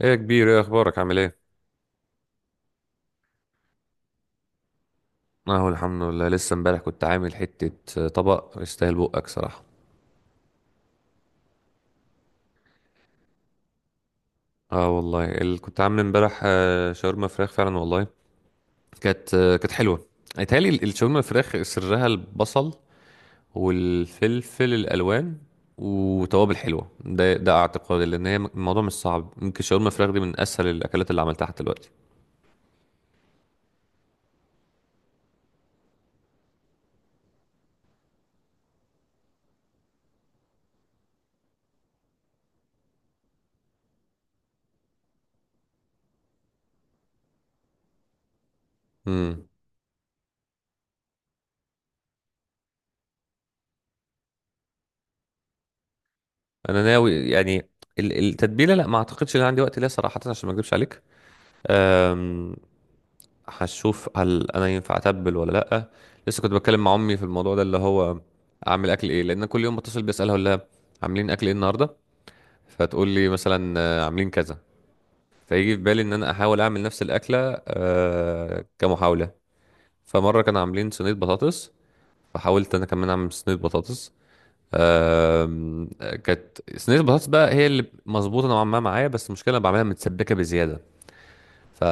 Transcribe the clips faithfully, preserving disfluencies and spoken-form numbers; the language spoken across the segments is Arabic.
ايه يا كبير؟ ايه اخبارك؟ عامل ايه؟ اهو الحمد لله. لسه امبارح كنت عامل حتة طبق يستاهل بقك صراحة. اه والله، اللي كنت عامل امبارح آه، شاورما فراخ فعلا والله. كانت آه، كانت حلوة. اتهيألي ال- الشاورما الفراخ سرها البصل والفلفل الالوان وتوابل حلوة. ده ده اعتقادي، لان هي الموضوع مش صعب. ممكن شاورما فراخ دي من اسهل الاكلات اللي عملتها حتى دلوقتي. امم. انا ناوي يعني ال- التتبيلة، لا، ما اعتقدش ان عندي وقت ليها صراحة، عشان ما اكذبش عليك. هشوف هل انا ينفع اتبل ولا لا. لسه كنت بتكلم مع امي في الموضوع ده، اللي هو اعمل اكل ايه. لان كل يوم بتصل بسالها، اقول لها عاملين اكل ايه النهارده؟ فتقول لي مثلا آه، عاملين كذا. فيجي في بالي ان انا احاول اعمل نفس الاكله، آه، كمحاوله. فمره كانوا عاملين صينيه بطاطس، فحاولت انا كمان اعمل صينيه بطاطس. آم، كانت صينيه البطاطس بقى هي اللي مظبوطه نوعا ما معايا. بس المشكله، أنا بعملها متسبكه بزياده. ف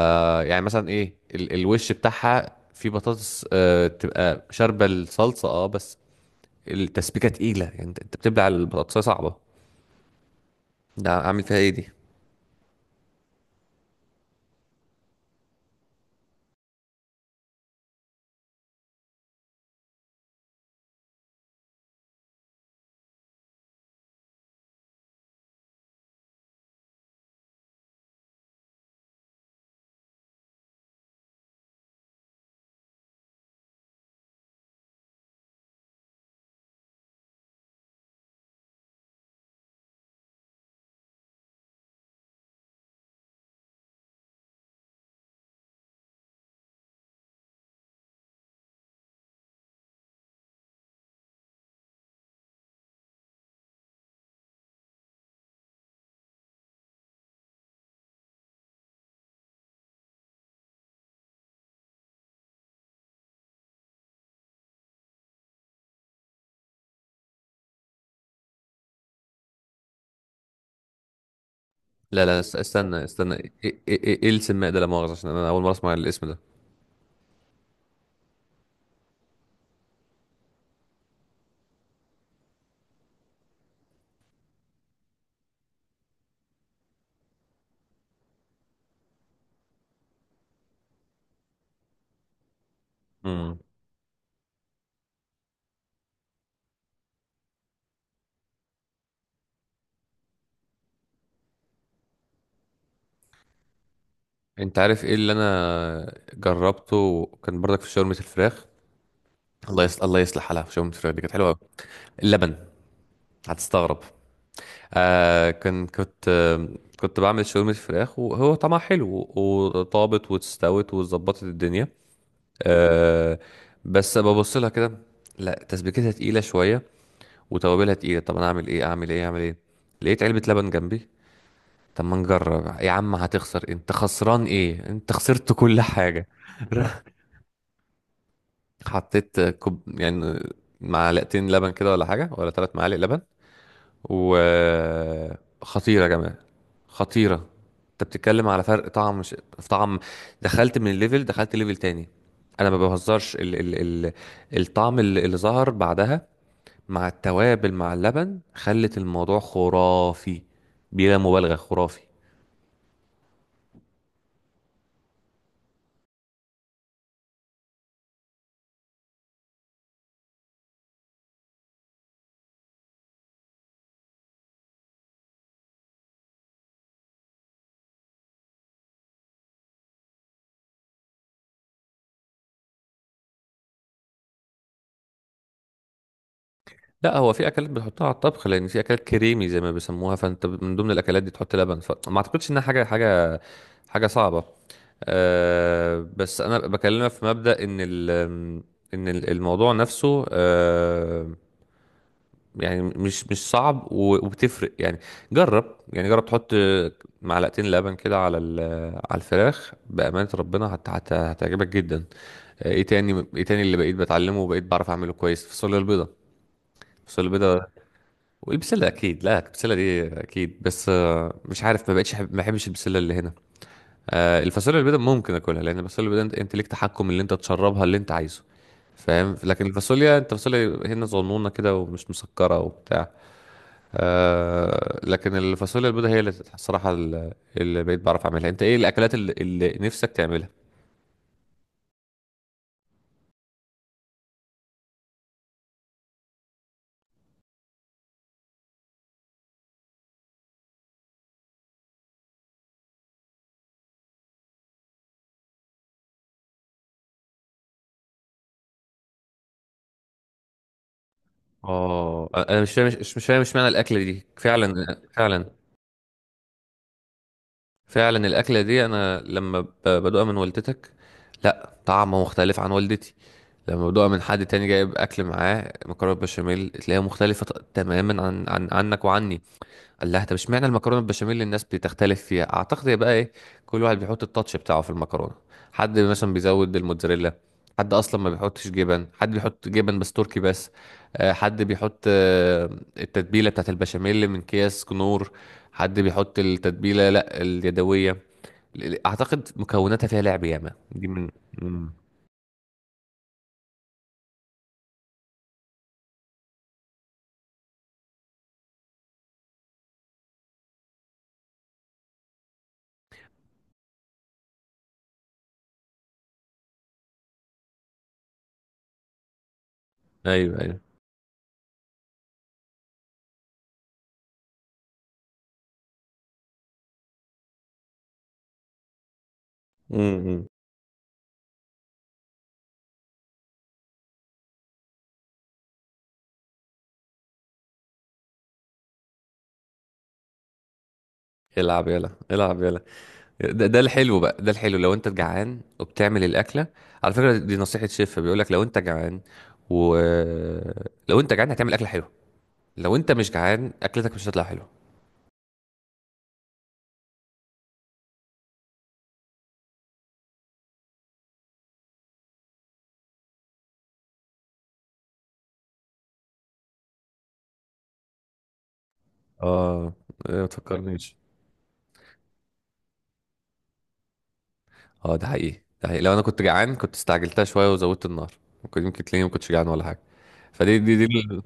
يعني مثلا ايه ال الوش بتاعها؟ في بطاطس آه تبقى شاربه الصلصه اه بس التسبيكه تقيله، يعني انت أنت بتبلع البطاطسايه، صعبه. ده عامل فيها ايه دي؟ لا لا، است- استنى استنى، ايه ايه، إيه إيه السماء ده؟ لا مؤاخذه، عشان انا اول مره اسمع الاسم ده. امم. انت عارف ايه اللي انا جربته؟ كان برضك في شاورما الفراخ. الله يصلح، الله يصلح حالها، في شاورما الفراخ دي كانت حلوه أوي. اللبن، هتستغرب. آه كان كنت آه كنت بعمل شاورما فراخ، وهو طعمها حلو وطابت واستوت وظبطت الدنيا. آه بس ببص لها كده، لا تسبيكتها تقيله شويه، وتوابلها تقيله. طب انا اعمل ايه؟ اعمل ايه؟ اعمل ايه؟ لقيت علبه لبن جنبي. طب ما نجرب يا عم. هتخسر؟ انت خسران ايه؟ انت خسرت كل حاجه. حطيت كوب يعني، معلقتين لبن كده ولا حاجه، ولا ثلاث معالق لبن. وخطيرة يا جماعة، خطيرة. انت بتتكلم على فرق طعم، مش... في طعم. دخلت من الليفل، دخلت ليفل تاني. انا ما بهزرش ال... ال... ال... الطعم اللي اللي ظهر بعدها، مع التوابل مع اللبن، خلت الموضوع خرافي. بلا مبالغة، خرافي. لا، هو في اكلات بتحطها على الطبخ، لان في اكلات كريمي زي ما بيسموها، فانت من ضمن الاكلات دي تحط لبن. فما اعتقدش انها حاجة حاجة حاجة صعبة. أه بس انا بكلمك في مبدأ ان ال ان ال- الموضوع نفسه. أه يعني مش مش صعب، و- وبتفرق يعني. جرب يعني، جرب تحط معلقتين لبن كده على ال- على الفراخ. بأمانة ربنا هت هت هتعجبك جدا. آه، ايه تاني؟ ايه تاني اللي بقيت بتعلمه وبقيت بعرف اعمله كويس؟ فاصوليا البيضة، فاصوليا البيضة والبسلة اكيد. لا، البسلة دي اكيد، بس آه، مش عارف، ما بقتش أحب- ما بحبش البسلة اللي هنا. آه، الفاصوليا البيضاء ممكن اكلها، لان الفاصوليا البيضاء انت أنت ليك تحكم اللي انت تشربها اللي انت عايزه، فاهم. لكن الفاصوليا، انت فاصوليا هنا صغنونه كده ومش مسكره وبتاع. آه لكن الفاصوليا البيضاء هي اللي، الصراحه اللي اللي بقيت بعرف اعملها. انت ايه الاكلات اللي, اللي نفسك تعملها؟ اه، انا مش فاهم، مش مش فاهم، مش معنى الاكله دي فعلا. فعلا، فعلا الاكله دي انا لما ب- بدوقها من والدتك، لا، طعمه مختلف عن والدتي. لما بدوقها من حد تاني جايب اكل معاه مكرونه بشاميل، تلاقيها مختلفه ط- تماما عن, عن عنك وعني. قال لها طب اشمعنى المكرونه البشاميل اللي الناس بتختلف فيها؟ اعتقد يبقى ايه؟ كل واحد بيحط التاتش بتاعه في المكرونه. حد مثلا بيزود الموتزاريلا، حد اصلا ما بيحطش جبن، حد بيحط جبن بس تركي بس. آه، حد بيحط آه، التتبيله بتاعت البشاميل من اكياس كنور. حد بيحط التتبيله، لا، اليدويه. اعتقد مكوناتها فيها لعب ياما، دي من. مم. ايوه، ايوه. مم. العب يلا، العب يلا. ده, ده الحلو بقى. ده الحلو لو انت جعان وبتعمل الاكله. على فكره، دي نصيحه شيف، بيقول لك لو انت جعان و لو انت جعان، هتعمل اكله حلوه. لو انت مش جعان، اكلتك مش هتطلع حلوه. اه، إيه، ما تفكرنيش. اه، ده حقيقي، ده حقيقي. لو انا كنت جعان كنت استعجلتها شويه وزودت النار، ممكن يمكن تلاقيني ما كنتش جعان ولا حاجه. فدي دي دي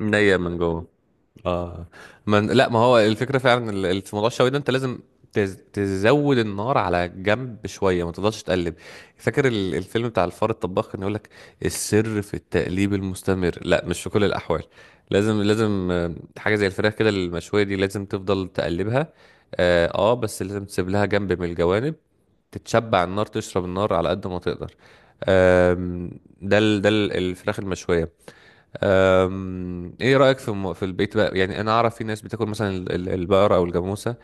نية من جوه. اه. من لا، ما هو الفكرة فعلا. ال- ال- في موضوع الشوي ده، انت لازم تز- تزود النار على جنب شوية، ما تفضلش تقلب. فاكر ال- الفيلم بتاع الفار الطباخ؟ كان يقولك السر في التقليب المستمر، لا، مش في كل الأحوال. لازم، لازم، آه، حاجة زي الفراخ كده المشوية دي لازم تفضل تقلبها. اه، آه، بس لازم تسيب لها جنب من الجوانب تتشبع النار، تشرب النار على قد ما تقدر. آم، ده ال- ده ال- الفراخ المشوية. أم، ايه رأيك في م- في البيت بقى؟ يعني انا اعرف في ناس بتاكل مثلا ال- ال- البقرة او الجاموسة،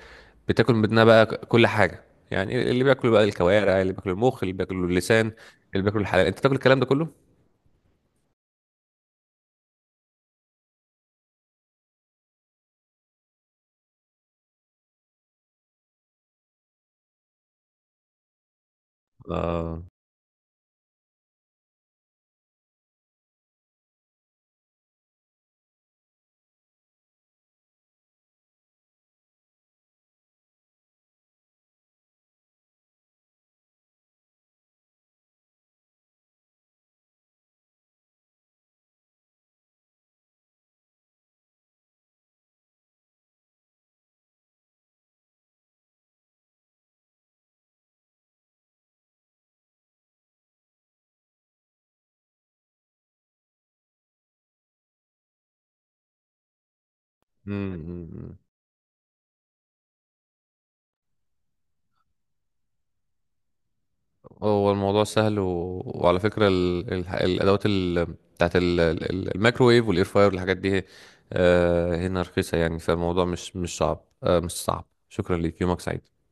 بتاكل منها بقى ك- كل حاجة. يعني اللي بياكلوا بقى الكوارع، اللي بياكلوا المخ، اللي بياكلوا اللسان، اللي بياكلوا الحلال، انت تاكل الكلام ده كله؟ اه. امم. هو الموضوع سهل، و... وعلى فكرة ال... ال... الادوات ال... بتاعت ال... ال- الميكروويف والاير فاير والحاجات دي، آه، هنا رخيصة يعني. فالموضوع مش مش صعب، آه، مش صعب. شكرا ليك، يومك سعيد.